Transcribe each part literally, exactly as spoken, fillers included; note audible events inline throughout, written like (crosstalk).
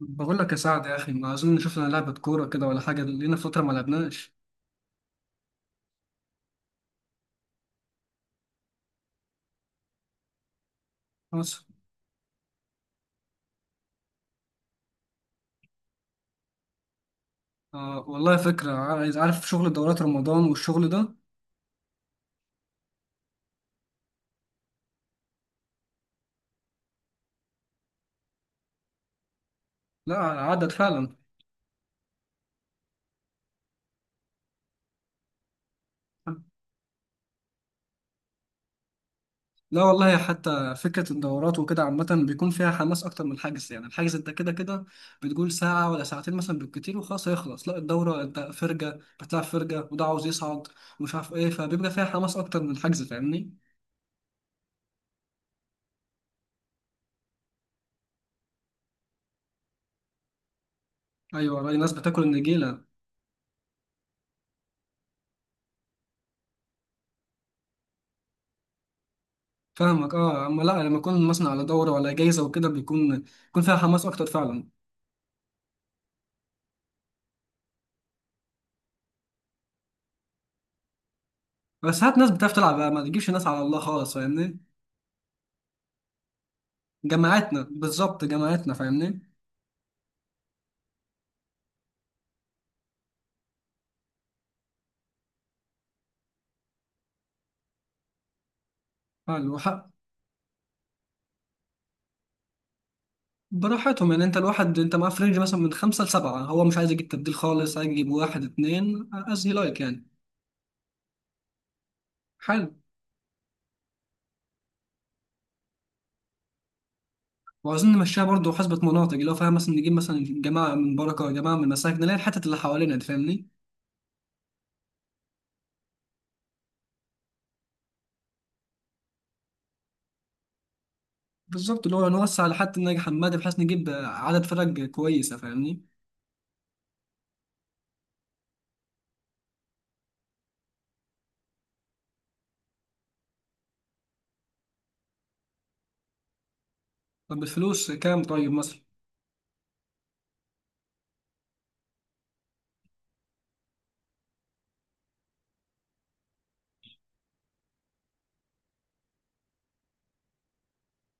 بقول لك يا سعد يا اخي، ما اظن شفنا لعبه كوره كده ولا حاجه، لينا فتره ما لعبناش. خلاص. آه والله فكره، عايز عارف شغل دورات رمضان والشغل ده. لا عدد فعلا. لا والله حتى فكره الدورات وكده عامه بيكون فيها حماس اكتر من الحجز. يعني الحجز انت كده كده بتقول ساعه ولا ساعتين مثلا بالكتير وخلاص هيخلص. لا الدوره انت فرجه بتلعب، فرجه وده عاوز يصعد ومش عارف ايه، فبيبقى فيها حماس اكتر من الحجز، فاهمني؟ ايوه رأي، ناس بتاكل النجيله. فاهمك، اه. اما لا، لما يكون مثلا على دوره ولا جايزه وكده بيكون بيكون فيها حماس اكتر فعلا. بس ساعات ناس بتعرف تلعب بقى، ما تجيبش ناس على الله خالص، فاهمني؟ جماعتنا بالظبط، جماعتنا، فاهمني؟ حلو حق. براحتهم يعني، انت الواحد انت معاه فرنج مثلا من خمسه لسبعه، هو مش عايز يجيب تبديل خالص، عايز يجيب واحد اتنين از هي لايك يعني. حلو. وعايزين نمشيها برضه حسبة مناطق، اللي هو فاهم، مثلا نجيب مثلا جماعة من بركة، جماعة من مساكن، اللي هي الحتت اللي حوالينا دي، فاهمني؟ بالظبط، اللي هو نوسع لحد ناجي حمادي، بحيث نجيب عدد فرق كويسة، فاهمني؟ طب الفلوس كام طيب مثلا؟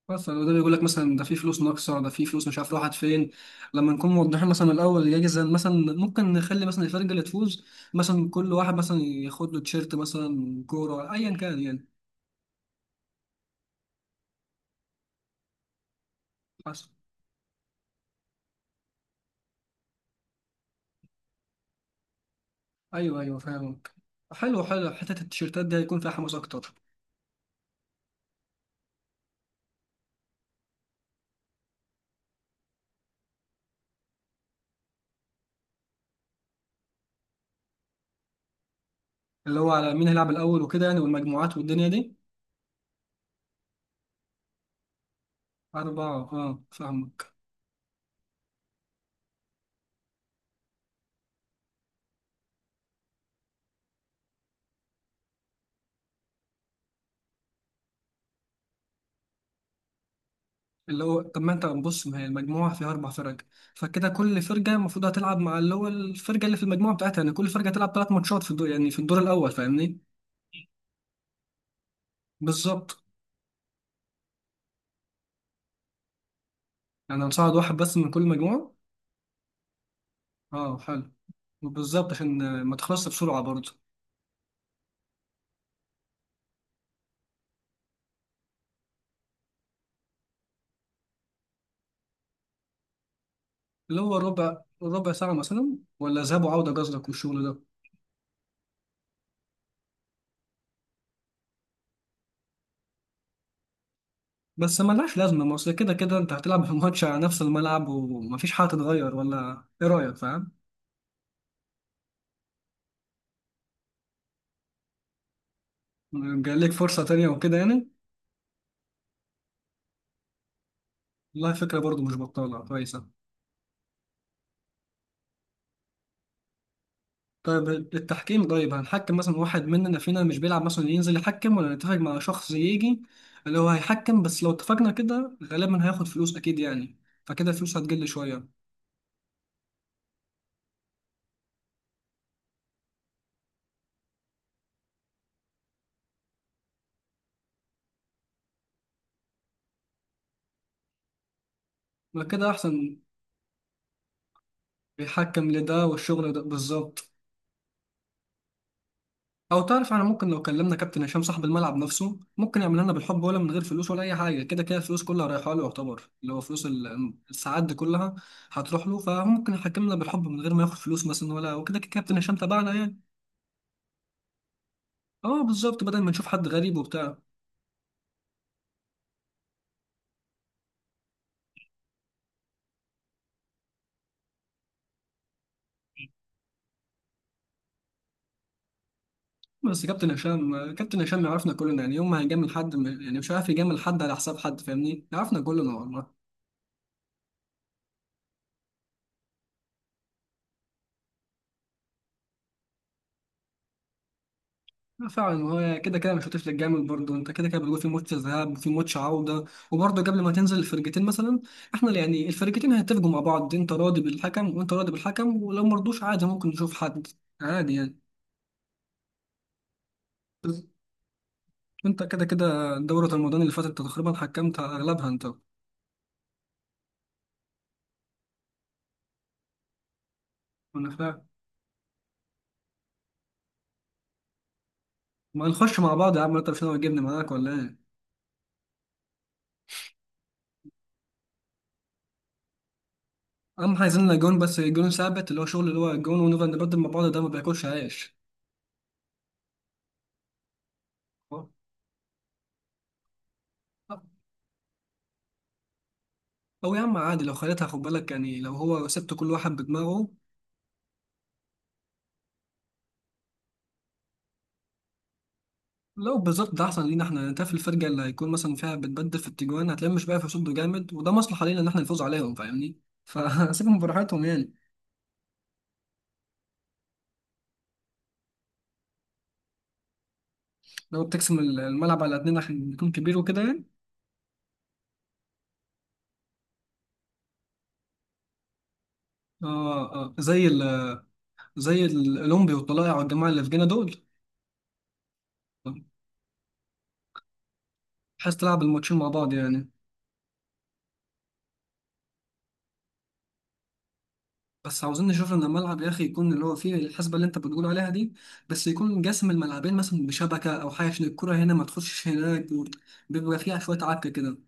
مثلا ده بيقول لك مثلا ده في فلوس ناقصه، ده في فلوس مش عارف راحت فين. لما نكون موضحين مثلا الاول الجايزه، مثلا ممكن نخلي مثلا الفرقه اللي تفوز، مثلا كل واحد مثلا ياخد له تيشيرت مثلا كوره ايا كان يعني. حسب. ايوه ايوه فاهمك. حلو حلو، حته التيشيرتات دي هيكون فيها حماس اكتر. اللي هو على مين هيلعب الاول وكده يعني، والمجموعات والدنيا دي. اربعه اه فاهمك. اللي هو طب ما انت بص، ما هي المجموعة فيها أربع فرق، فكده كل فرقة المفروض هتلعب مع اللي هو الفرقة اللي في المجموعة بتاعتها، يعني كل فرقة هتلعب ثلاث ماتشات في الدور، يعني في الدور الأول، فاهمني؟ بالظبط. يعني هنصعد واحد بس من كل مجموعة؟ اه حلو. بالظبط عشان آه، ما تخلصش بسرعة برضه. اللي هو ربع ربع ساعة مثلا ولا ذهاب وعودة قصدك والشغل ده؟ بس ملهاش لازمة، ما أصل كده كده أنت هتلعب (laughs) في الماتش على نفس الملعب ومفيش حاجة تتغير، ولا إيه رأيك، فاهم؟ جاي لك فرصة تانية وكده يعني. والله فكرة برضه مش بطالة، كويسة. طيب التحكيم، طيب هنحكم مثلا واحد مننا فينا مش بيلعب مثلا ينزل يحكم، ولا نتفق مع شخص يجي اللي هو هيحكم، بس لو اتفقنا كده غالبا هياخد فلوس أكيد يعني، فكده الفلوس هتقل شوية. ما كده أحسن، بيحكم لده والشغل ده بالظبط. أو تعرف أنا ممكن لو كلمنا كابتن هشام صاحب الملعب نفسه، ممكن يعمل لنا بالحب ولا من غير فلوس ولا أي حاجة، كده كده الفلوس كلها رايحة له، يعتبر اللي هو فلوس ال- الساعات دي كلها هتروح له، فممكن يحكمنا بالحب من غير ما ياخد فلوس مثلا ولا وكده، كده كابتن هشام تبعنا يعني. اه بالظبط، بدل ما نشوف حد غريب وبتاع. بس كابتن هشام كابتن هشام يعرفنا كلنا، يعني يوم ما هيجامل حد، م- يعني مش عارف يجامل حد على حساب حد، فاهمني؟ يعرفنا كلنا والله. لا فعلا هو كده كده مش هتفلت جامد، برضه انت كده كده بتقول في ماتش ذهاب وفي ماتش عوده، وبرضه قبل ما تنزل الفرقتين مثلا، احنا يعني الفرقتين هيتفقوا مع بعض، انت راضي بالحكم وانت راضي بالحكم، ولو مرضوش عادي ممكن نشوف حد، عادي يعني. بس انت كده كده دورة رمضان اللي فاتت انت تقريبا حكمت على اغلبها انت. انا فاهم. ما نخش مع بعض يا عم، انت مش ناوي تجيبني معاك ولا ايه؟ اهم حاجه عايزين لنا جون، بس جون ثابت، اللي هو شغل اللي هو جون ونفضل نبدل مع بعض ده ما بياكلش عيش. او يا عم عادي لو خليتها، خد بالك يعني لو هو سبت كل واحد بدماغه، لو بالظبط ده احسن لينا احنا، انت في الفرقه اللي هيكون مثلا فيها بتبدل في التجوان، هتلاقيهم مش بقى يصدوا جامد، وده مصلحه لينا ان احنا نفوز عليهم، فاهمني؟ فسيبهم (laughs) براحتهم يعني. لو بتقسم ال- الملعب على اتنين عشان يكون كبير وكده يعني. اه اه، زي ال، زي الاولمبي والطلائع والجماعه اللي في جينا دول. بحيث تلعب الماتشين مع بعض يعني. بس عاوزين نشوف ان الملعب يا اخي يكون اللي هو فيه الحسبه اللي انت بتقول عليها دي، بس يكون جسم الملعبين مثلا بشبكه او حاجه عشان الكره هنا ما تخشش هناك، و- بيبقى فيها شويه عك كده.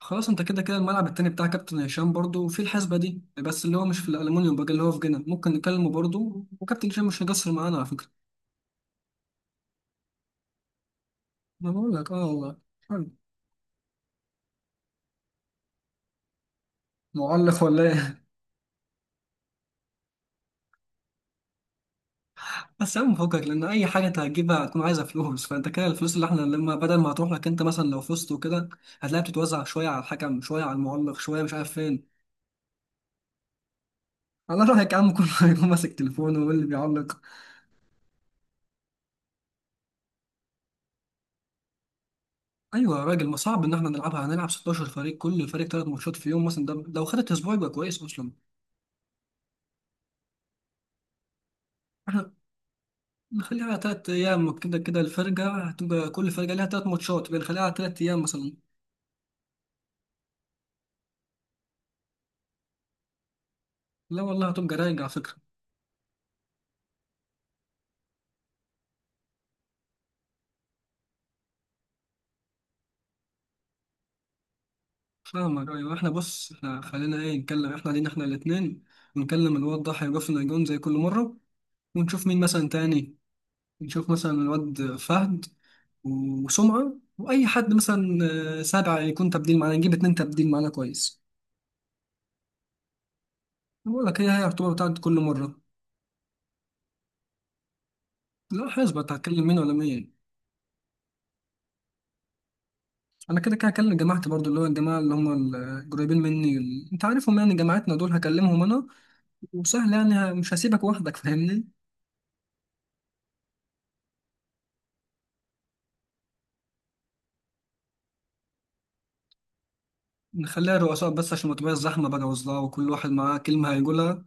خلاص، انت كده كده الملعب التاني بتاع كابتن هشام برضو في الحسبه دي، بس اللي هو مش في الالومنيوم بقى، اللي هو في جنة، ممكن نكلمه برضو وكابتن هشام مش هيقصر معانا على فكره. انا بقول لك اه والله، حلو. معلق ولا ايه؟ بس يا عم فكك، لان اي حاجه انت هتجيبها هتكون عايزه فلوس، فانت كده الفلوس اللي احنا لما بدل ما هتروح لك انت مثلا لو فزت وكده، هتلاقيها بتتوزع شويه على الحكم شويه على المعلق شويه مش عارف فين. على رايك يا عم، كله (laughs) هيكون ماسك تليفونه واللي بيعلق. ايوه يا راجل، ما صعب ان احنا نلعبها، هنلعب ستاشر فريق كل فريق ثلاث ماتشات في يوم مثلا، ده لو خدت اسبوع يبقى كويس اصلا. احنا نخليها على ثلاث ايام، كده كده الفرقه هتبقى كل فرقه ليها ثلاث ماتشات، بنخليها على ثلاث ايام مثلا. لا والله هتبقى رايق على فكره. فاهمك، ايوه. احنا بص، احنا خلينا ايه، نتكلم احنا، علينا احنا الاثنين، ونكلم الواد ضحى يقف لنا جون زي كل مره، ونشوف مين مثلا تاني، نشوف مثلا الواد فهد وسمعه واي حد مثلا، آه، سابع يكون تبديل معانا، نجيب اتنين تبديل معانا كويس. بقول لك هي هي الرطوبه بتاعت كل مره. لا حسبة هتكلم مين ولا مين؟ انا كده كده هكلم جماعتي برضو، اللي هو الجماعه اللي هم القريبين مني ال- انت عارفهم يعني، جماعتنا دول هكلمهم انا. وسهل يعني، ه- مش هسيبك وحدك، فاهمني؟ نخليها رؤساء بس، عشان ما تبقاش زحمة بقى وصداع وكل واحد معاه كلمة هيقولها.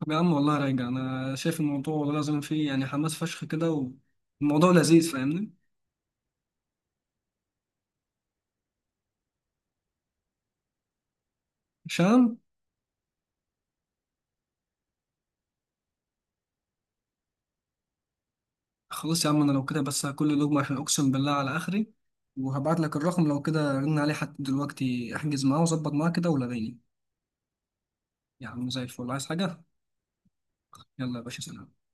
طب يا عم والله راجع، أنا شايف الموضوع والله لازم فيه يعني حماس فشخ كده، والموضوع لذيذ، فاهمني؟ هشام. خلاص يا عم، أنا لو كده بس هاكل لقمة عشان أقسم بالله على آخري، وهبعت لك الرقم، لو كده رن عليه حتى دلوقتي، احجز معاه وظبط معاه كده ولا غيني. يا عم زي الفل، عايز حاجة؟ يلا يا باشا، سلام.